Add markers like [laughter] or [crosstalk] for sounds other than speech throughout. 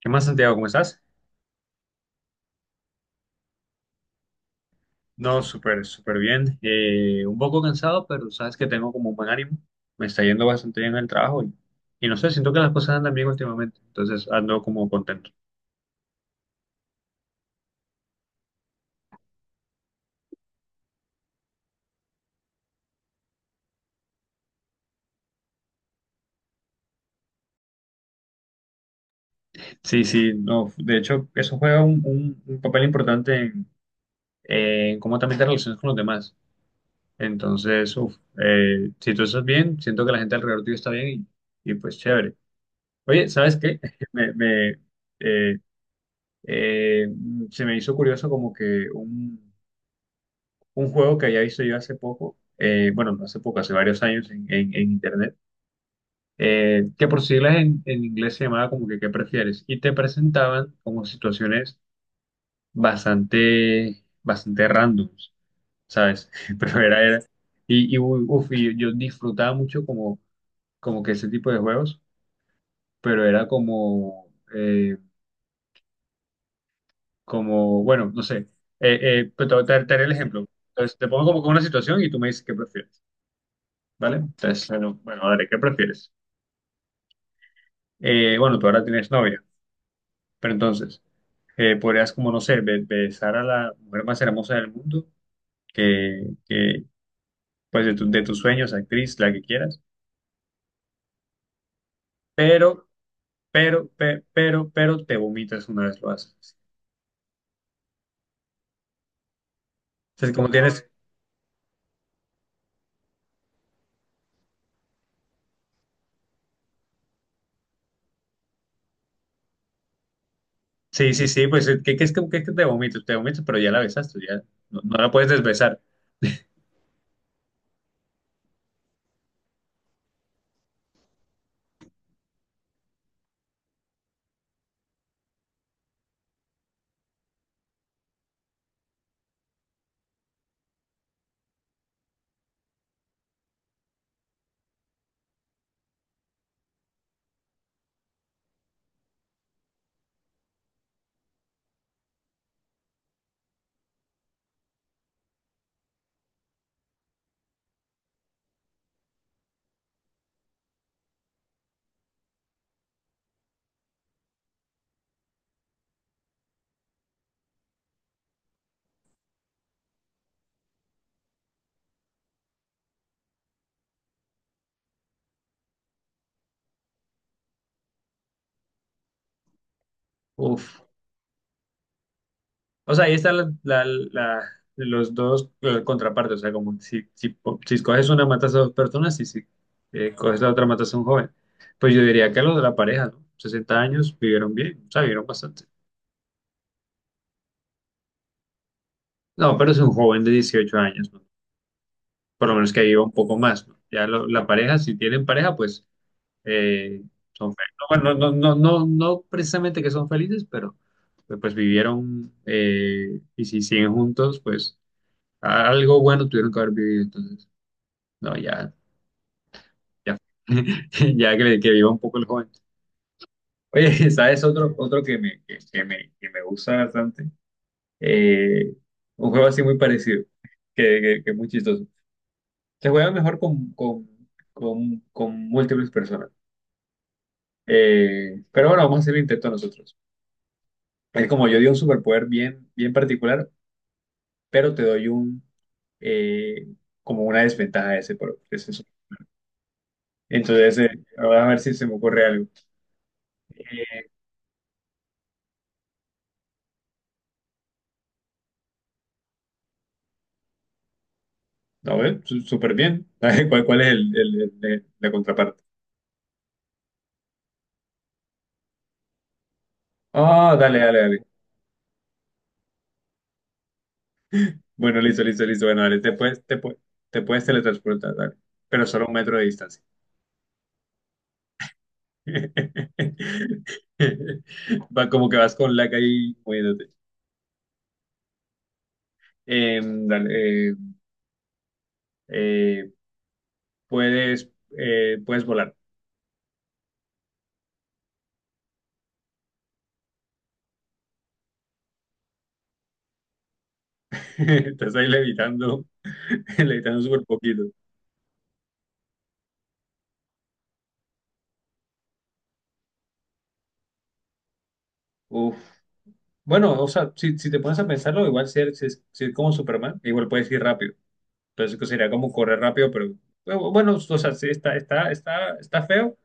¿Qué más, Santiago? ¿Cómo estás? No, súper bien. Un poco cansado, pero sabes que tengo como un buen ánimo. Me está yendo bastante bien en el trabajo y no sé, siento que las cosas andan bien últimamente. Entonces ando como contento. Sí, sí, no. De hecho, eso juega un papel importante en cómo también te relacionas con los demás. Entonces, si tú estás bien, siento que la gente alrededor tuyo está bien y pues chévere. Oye, ¿sabes qué? [laughs] Me, me, eh, eh, Se me hizo curioso como que un juego que había visto yo hace poco, bueno, no hace poco, hace varios años en, en internet, que por siglas en inglés se llamaba como que ¿qué prefieres? Y te presentaban como situaciones bastante, bastante randoms, ¿sabes? [laughs] Pero era, era, y, y yo disfrutaba mucho como, como que ese tipo de juegos, pero era como, como, bueno, no sé, pues te haré el ejemplo. Entonces te pongo como que una situación y tú me dices qué prefieres. ¿Vale? Entonces, bueno, Adri, ¿qué prefieres? Bueno, tú ahora tienes novia, pero entonces podrías como, no sé, besar a la mujer más hermosa del mundo, que, pues de, de tus sueños, actriz, la que quieras, pero, pero te vomitas una vez lo haces. Entonces, como tienes, sí, sí, sí, pues, ¿qué, qué es que te vomitas? Te vomitas, pero ya la besaste, ya no, no la puedes desbesar. Uf. O sea, ahí están la- la- la- los dos contrapartes. O sea, como si, si, si escoges una, matas a dos personas y si coges la otra, matas a un joven. Pues yo diría que los de la pareja, ¿no? 60 años vivieron bien, o sea, vivieron bastante. No, pero es un joven de 18 años, ¿no? Por lo menos que viva un poco más, ¿no? Ya la pareja, si tienen pareja, pues eh, son felices. Bueno, no precisamente que son felices, pero pues, pues vivieron, y si siguen juntos, pues algo bueno tuvieron que haber vivido entonces. No, ya, ya, [laughs] ya que viva un poco el joven. Oye, [laughs] ¿sabes otro, otro que me gusta bastante? Eh, un juego así muy parecido, que es muy chistoso. Se juega mejor con múltiples personas. Pero bueno, vamos a hacer el intento nosotros. Es como yo di un superpoder bien, bien particular, pero te doy un, eh, como una desventaja de ese, de ese super- Entonces, a ver si se me ocurre algo. Eh, A ver, súper bien. [laughs] ¿Cuál, cuál es el, la contraparte? Ah, dale, dale, dale. Bueno, listo, listo, listo. Bueno, dale, te puedes teletransportar, dale. Pero solo a un metro de distancia. [laughs] Va como que vas con la calle y moviéndote. Dale, eh, puedes, puedes volar. [laughs] Estás ahí levitando, [laughs] levitando súper poquito. Uf. Bueno, o sea, si, si te pones a pensarlo, igual si eres, si es si es como Superman, igual puedes ir rápido. Entonces que sería como correr rápido, pero bueno, o sea, sí, está, está, está, está feo.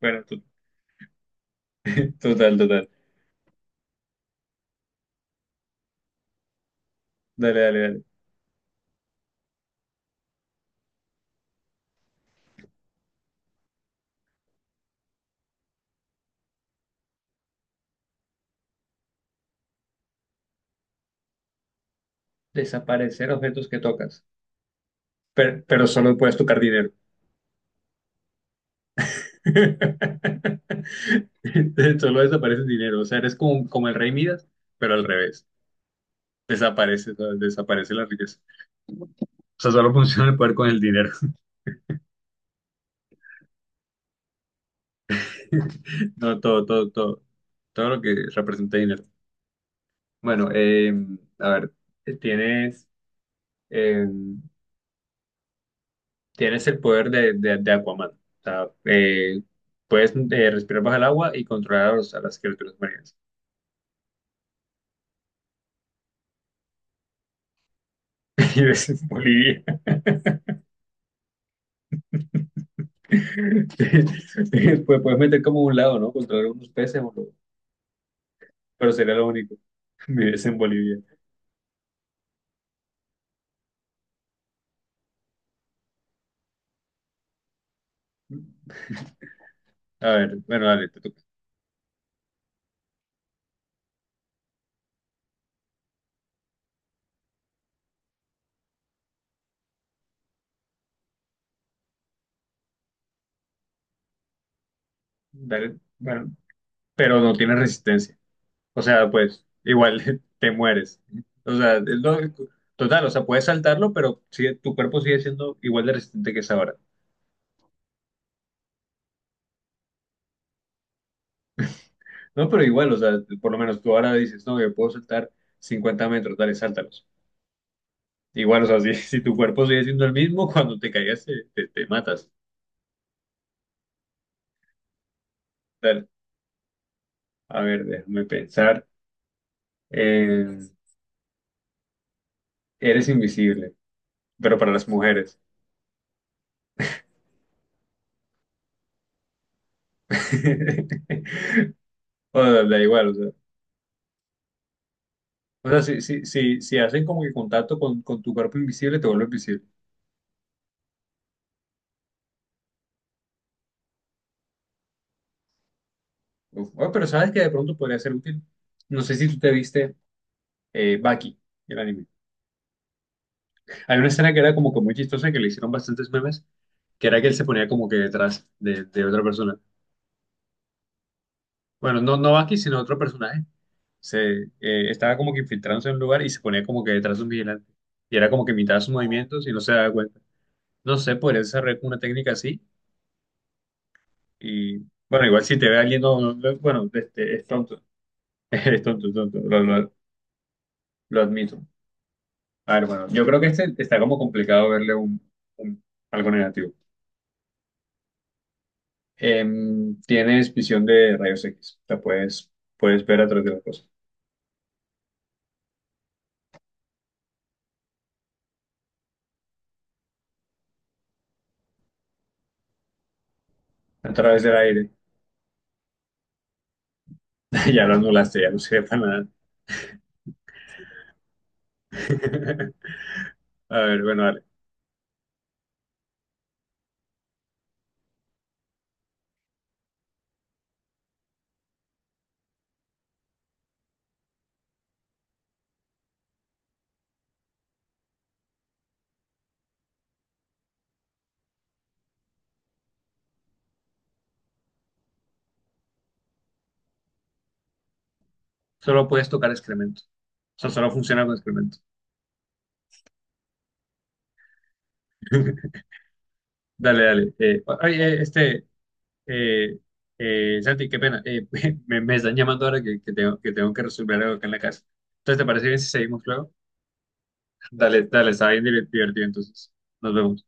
Bueno, total, total. Dale, dale, dale. Desaparecer objetos que tocas, pero solo puedes tocar dinero. [laughs] Solo desaparece dinero, o sea, eres como, como el rey Midas, pero al revés. Desaparece, ¿sabes? Desaparece la riqueza. O sea, solo funciona el poder con el dinero. [laughs] No, todo, todo, todo. Todo lo que representa dinero. Bueno, a ver, tienes... eh, tienes el poder de Aquaman. O sea, puedes, respirar bajo el agua y controlar a, a las criaturas marinas. [laughs] Y ves en Bolivia. [laughs] Después puedes meter como un lado, ¿no? Controlar unos peces, pero sería lo único. [laughs] Vives en Bolivia. A ver, bueno, dale, te toca. Dale, bueno, pero no tienes resistencia. O sea, pues igual [laughs] te mueres. O sea, total, o sea, puedes saltarlo, pero tu cuerpo sigue siendo igual de resistente que es ahora. No, pero igual, o sea, por lo menos tú ahora dices, no, yo puedo saltar 50 metros, dale, sáltalos. Igual, o sea, si, [laughs] si tu cuerpo sigue siendo el mismo, [laughs] cuando te caigas te matas. Dale. A ver, déjame pensar. Eh, Eres invisible, pero para las mujeres. [laughs] O sea, da igual, o sea. O sea, si, si, si, si hacen como que contacto con tu cuerpo invisible, te vuelves invisible. Uf, oh, pero sabes que de pronto podría ser útil. No sé si tú te viste, Baki, el anime. Hay una escena que era como que muy chistosa que le hicieron bastantes memes, que era que él se ponía como que detrás de otra persona. Bueno, no, no Bucky, sino otro personaje. Se, estaba como que infiltrándose en un lugar y se ponía como que detrás de un vigilante. Y era como que imitaba sus movimientos y no se daba cuenta. No sé, podría desarrollar como una técnica así. Y bueno, igual si te ve alguien, bueno, este, es tonto. [laughs] Es tonto, lo admito. A ver, bueno, yo creo que este está como complicado verle un, un- algo negativo. Tienes visión de rayos X. O sea, puedes, puedes ver a través de las cosas. A través del aire. [laughs] Ya lo anulaste, ya no sirve para nada. [laughs] A ver, bueno, dale. Solo puedes tocar excremento. O sea, solo funciona con excremento. [laughs] Dale, dale. Eh, Santi, qué pena. [laughs] Me están llamando ahora que tengo, que tengo que resolver algo acá en la casa. Entonces, ¿te parece bien si seguimos luego? Dale, dale, está bien divertido entonces. Nos vemos.